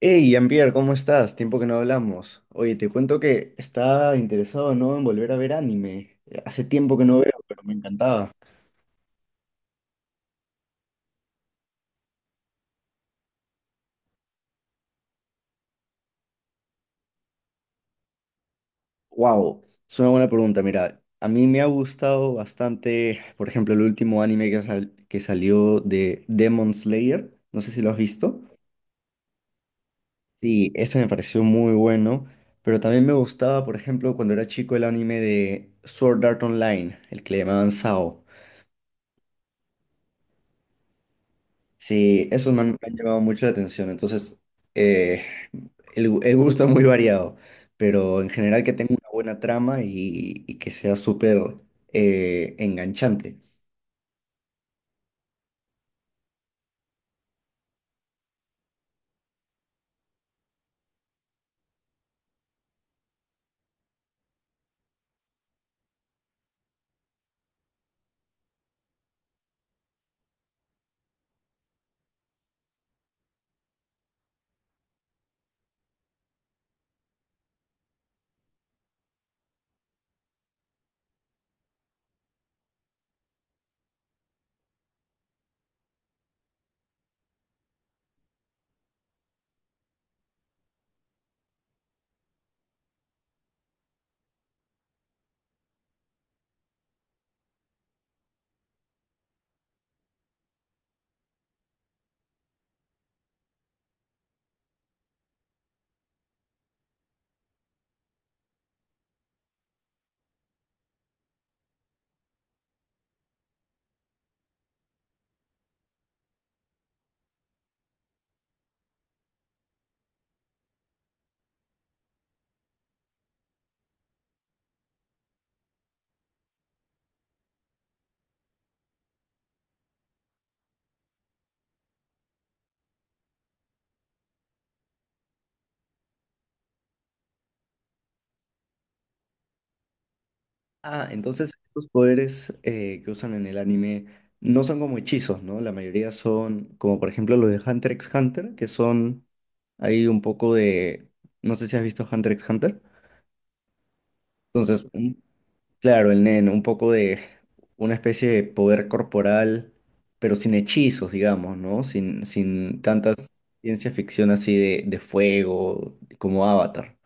Hey, Jean-Pierre, ¿cómo estás? Tiempo que no hablamos. Oye, te cuento que estaba interesado, ¿no?, en volver a ver anime. Hace tiempo que no veo, pero me encantaba. Wow, es una buena pregunta. Mira, a mí me ha gustado bastante, por ejemplo, el último anime que salió de Demon Slayer. No sé si lo has visto. Sí, ese me pareció muy bueno. Pero también me gustaba, por ejemplo, cuando era chico el anime de Sword Art Online, el que le llamaban Sao. Sí, esos me han llamado mucho la atención. Entonces, eh, el gusto es muy variado, pero en general que tenga una buena trama y que sea súper enganchante. Ah, entonces estos poderes que usan en el anime no son como hechizos, ¿no? La mayoría son como, por ejemplo, los de Hunter x Hunter, que son ahí un poco de... No sé si has visto Hunter x Hunter. Entonces, claro, el Nen, un poco de una especie de poder corporal, pero sin hechizos, digamos, ¿no? Sin tantas ciencia ficción así de fuego, como Avatar.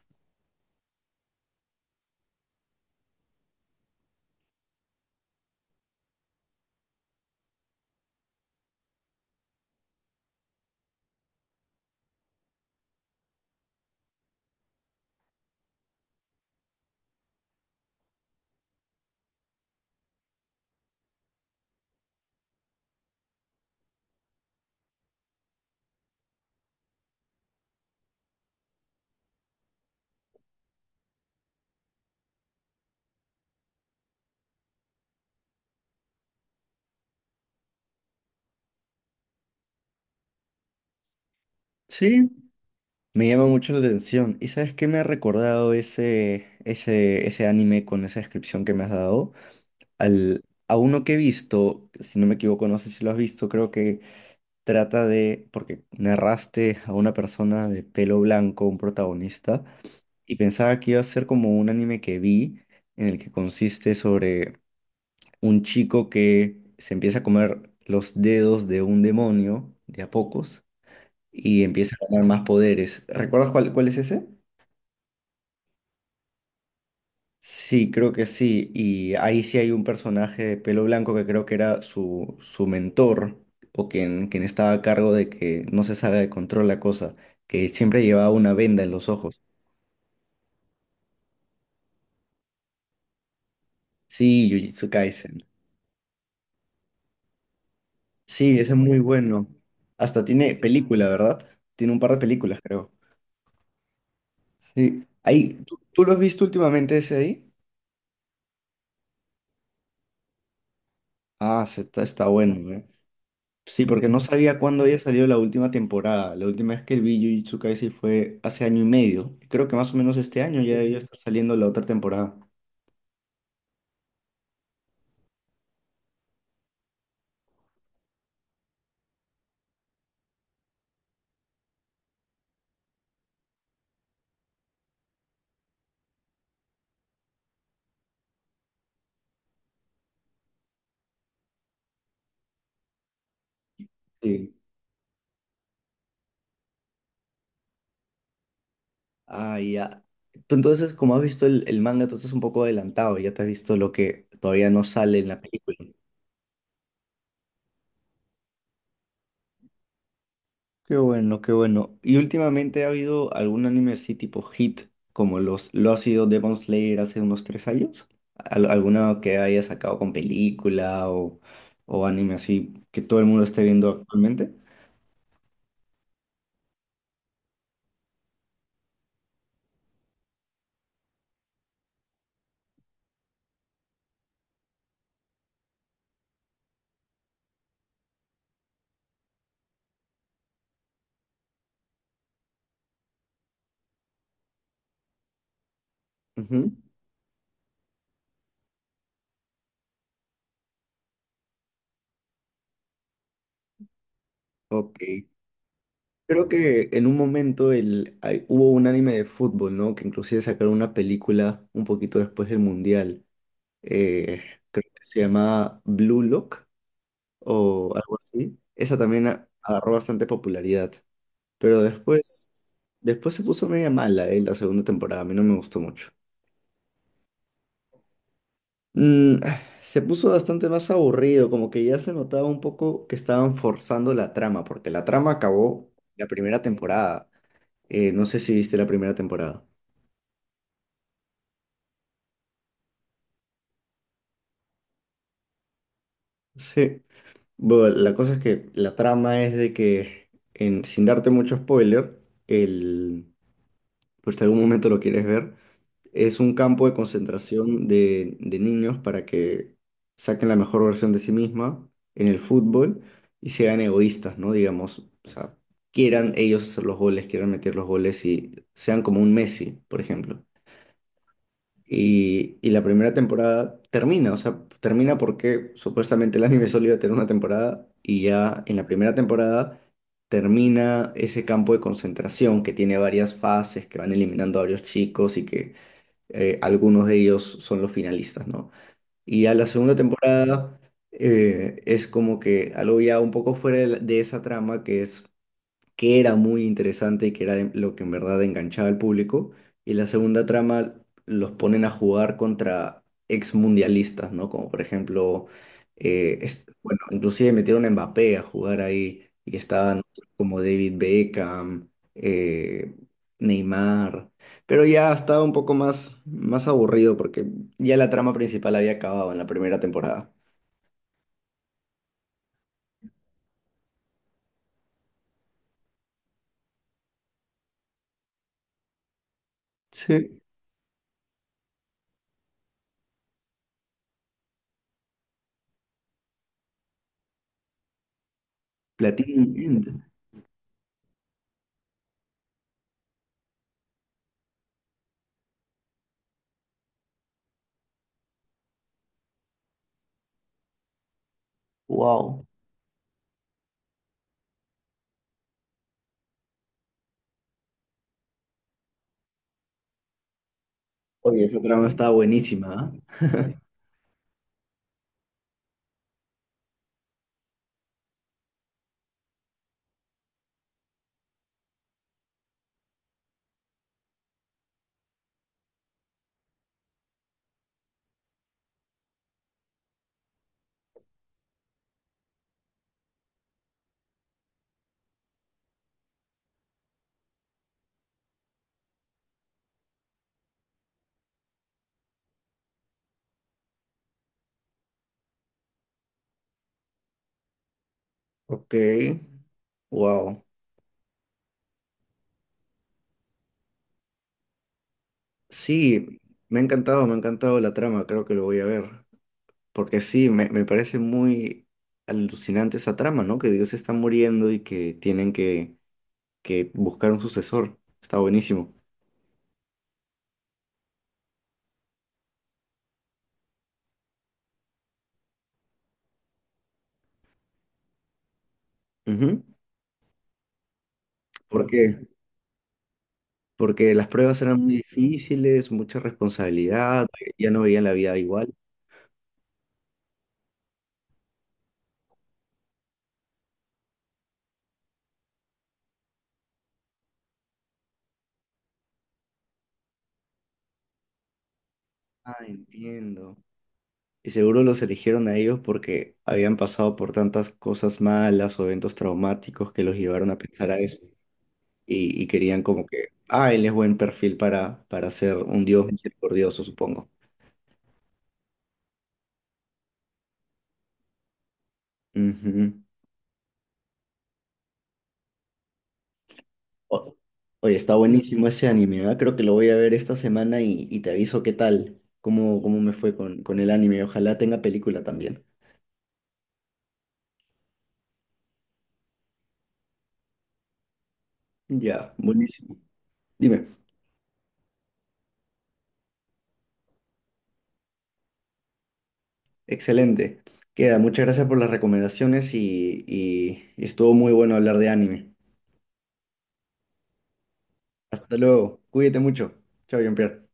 Sí, me llama mucho la atención. ¿Y sabes qué me ha recordado ese anime con esa descripción que me has dado? A uno que he visto, si no me equivoco, no sé si lo has visto, creo que trata de, porque narraste a una persona de pelo blanco, un protagonista. Y pensaba que iba a ser como un anime que vi, en el que consiste sobre un chico que se empieza a comer los dedos de un demonio de a pocos y empieza a ganar más poderes. ¿Recuerdas cuál es ese? Sí, creo que sí. Y ahí sí hay un personaje de pelo blanco que creo que era su mentor o quien estaba a cargo de que no se salga de control la cosa, que siempre llevaba una venda en los ojos. Sí, Jujutsu Kaisen. Sí, ese es muy bueno. Hasta tiene película, ¿verdad? Tiene un par de películas, creo. Sí. Ahí, ¿tú lo has visto últimamente ese ahí? Ah, está bueno, ¿eh? Sí, porque no sabía cuándo había salido la última temporada. La última vez que vi Jujutsu Kaisen fue hace año y medio. Creo que más o menos este año ya debió estar saliendo la otra temporada. Sí. Ah, ya. Tú entonces, como has visto el manga, tú estás un poco adelantado. Ya te has visto lo que todavía no sale en la película. Qué bueno, qué bueno. ¿Y últimamente ha habido algún anime así tipo hit, como lo ha sido Demon Slayer hace unos tres años? ¿Alguna que haya sacado con película o anime así que todo el mundo esté viendo actualmente? Ujú. Ok. Creo que en un momento hubo un anime de fútbol, ¿no? Que inclusive sacaron una película un poquito después del Mundial. Eh, creo que se llamaba Blue Lock o algo así. Esa también agarró bastante popularidad. Pero después, después se puso media mala, la segunda temporada. A mí no me gustó mucho. Se puso bastante más aburrido, como que ya se notaba un poco que estaban forzando la trama, porque la trama acabó la primera temporada. No sé si viste la primera temporada. Sí. Bueno, la cosa es que la trama es de que, en, sin darte mucho spoiler, el, pues si algún momento lo quieres ver, es un campo de concentración de niños para que saquen la mejor versión de sí misma en el fútbol y sean egoístas, ¿no? Digamos, o sea, quieran ellos hacer los goles, quieran meter los goles y sean como un Messi, por ejemplo. Y la primera temporada termina, o sea, termina porque supuestamente el anime solo iba a tener una temporada y ya en la primera temporada termina ese campo de concentración que tiene varias fases, que van eliminando a varios chicos y que algunos de ellos son los finalistas, ¿no? Y a la segunda temporada es como que algo ya un poco fuera de, de esa trama que es que era muy interesante y que era lo que en verdad enganchaba al público. Y la segunda trama los ponen a jugar contra ex mundialistas, ¿no? Como por ejemplo, bueno, inclusive metieron a Mbappé a jugar ahí y estaban como David Beckham, eh, Neymar. Pero ya estaba un poco más, más aburrido porque ya la trama principal había acabado en la primera temporada. Sí. Platinum End. Wow. Oye, esa trama estaba buenísima, ¿ah? Ok, wow. Sí, me ha encantado la trama, creo que lo voy a ver. Porque sí, me parece muy alucinante esa trama, ¿no? Que Dios está muriendo y que tienen que buscar un sucesor. Está buenísimo. Ujú. ¿Por qué? Porque las pruebas eran muy difíciles, mucha responsabilidad, ya no veían la vida igual. Ah, entiendo. Y seguro los eligieron a ellos porque habían pasado por tantas cosas malas o eventos traumáticos que los llevaron a pensar a eso. Y, y querían como que, ah, él es buen perfil para ser un dios misericordioso, supongo. Ujú. O- Oye, está buenísimo ese anime, ¿verdad? Creo que lo voy a ver esta semana y te aviso qué tal, cómo, cómo me fue con el anime. Ojalá tenga película también. Ya, buenísimo. Dime, excelente. Queda, muchas gracias por las recomendaciones y, y estuvo muy bueno hablar de anime. Hasta luego, cuídate mucho. Chao, Jean-Pierre.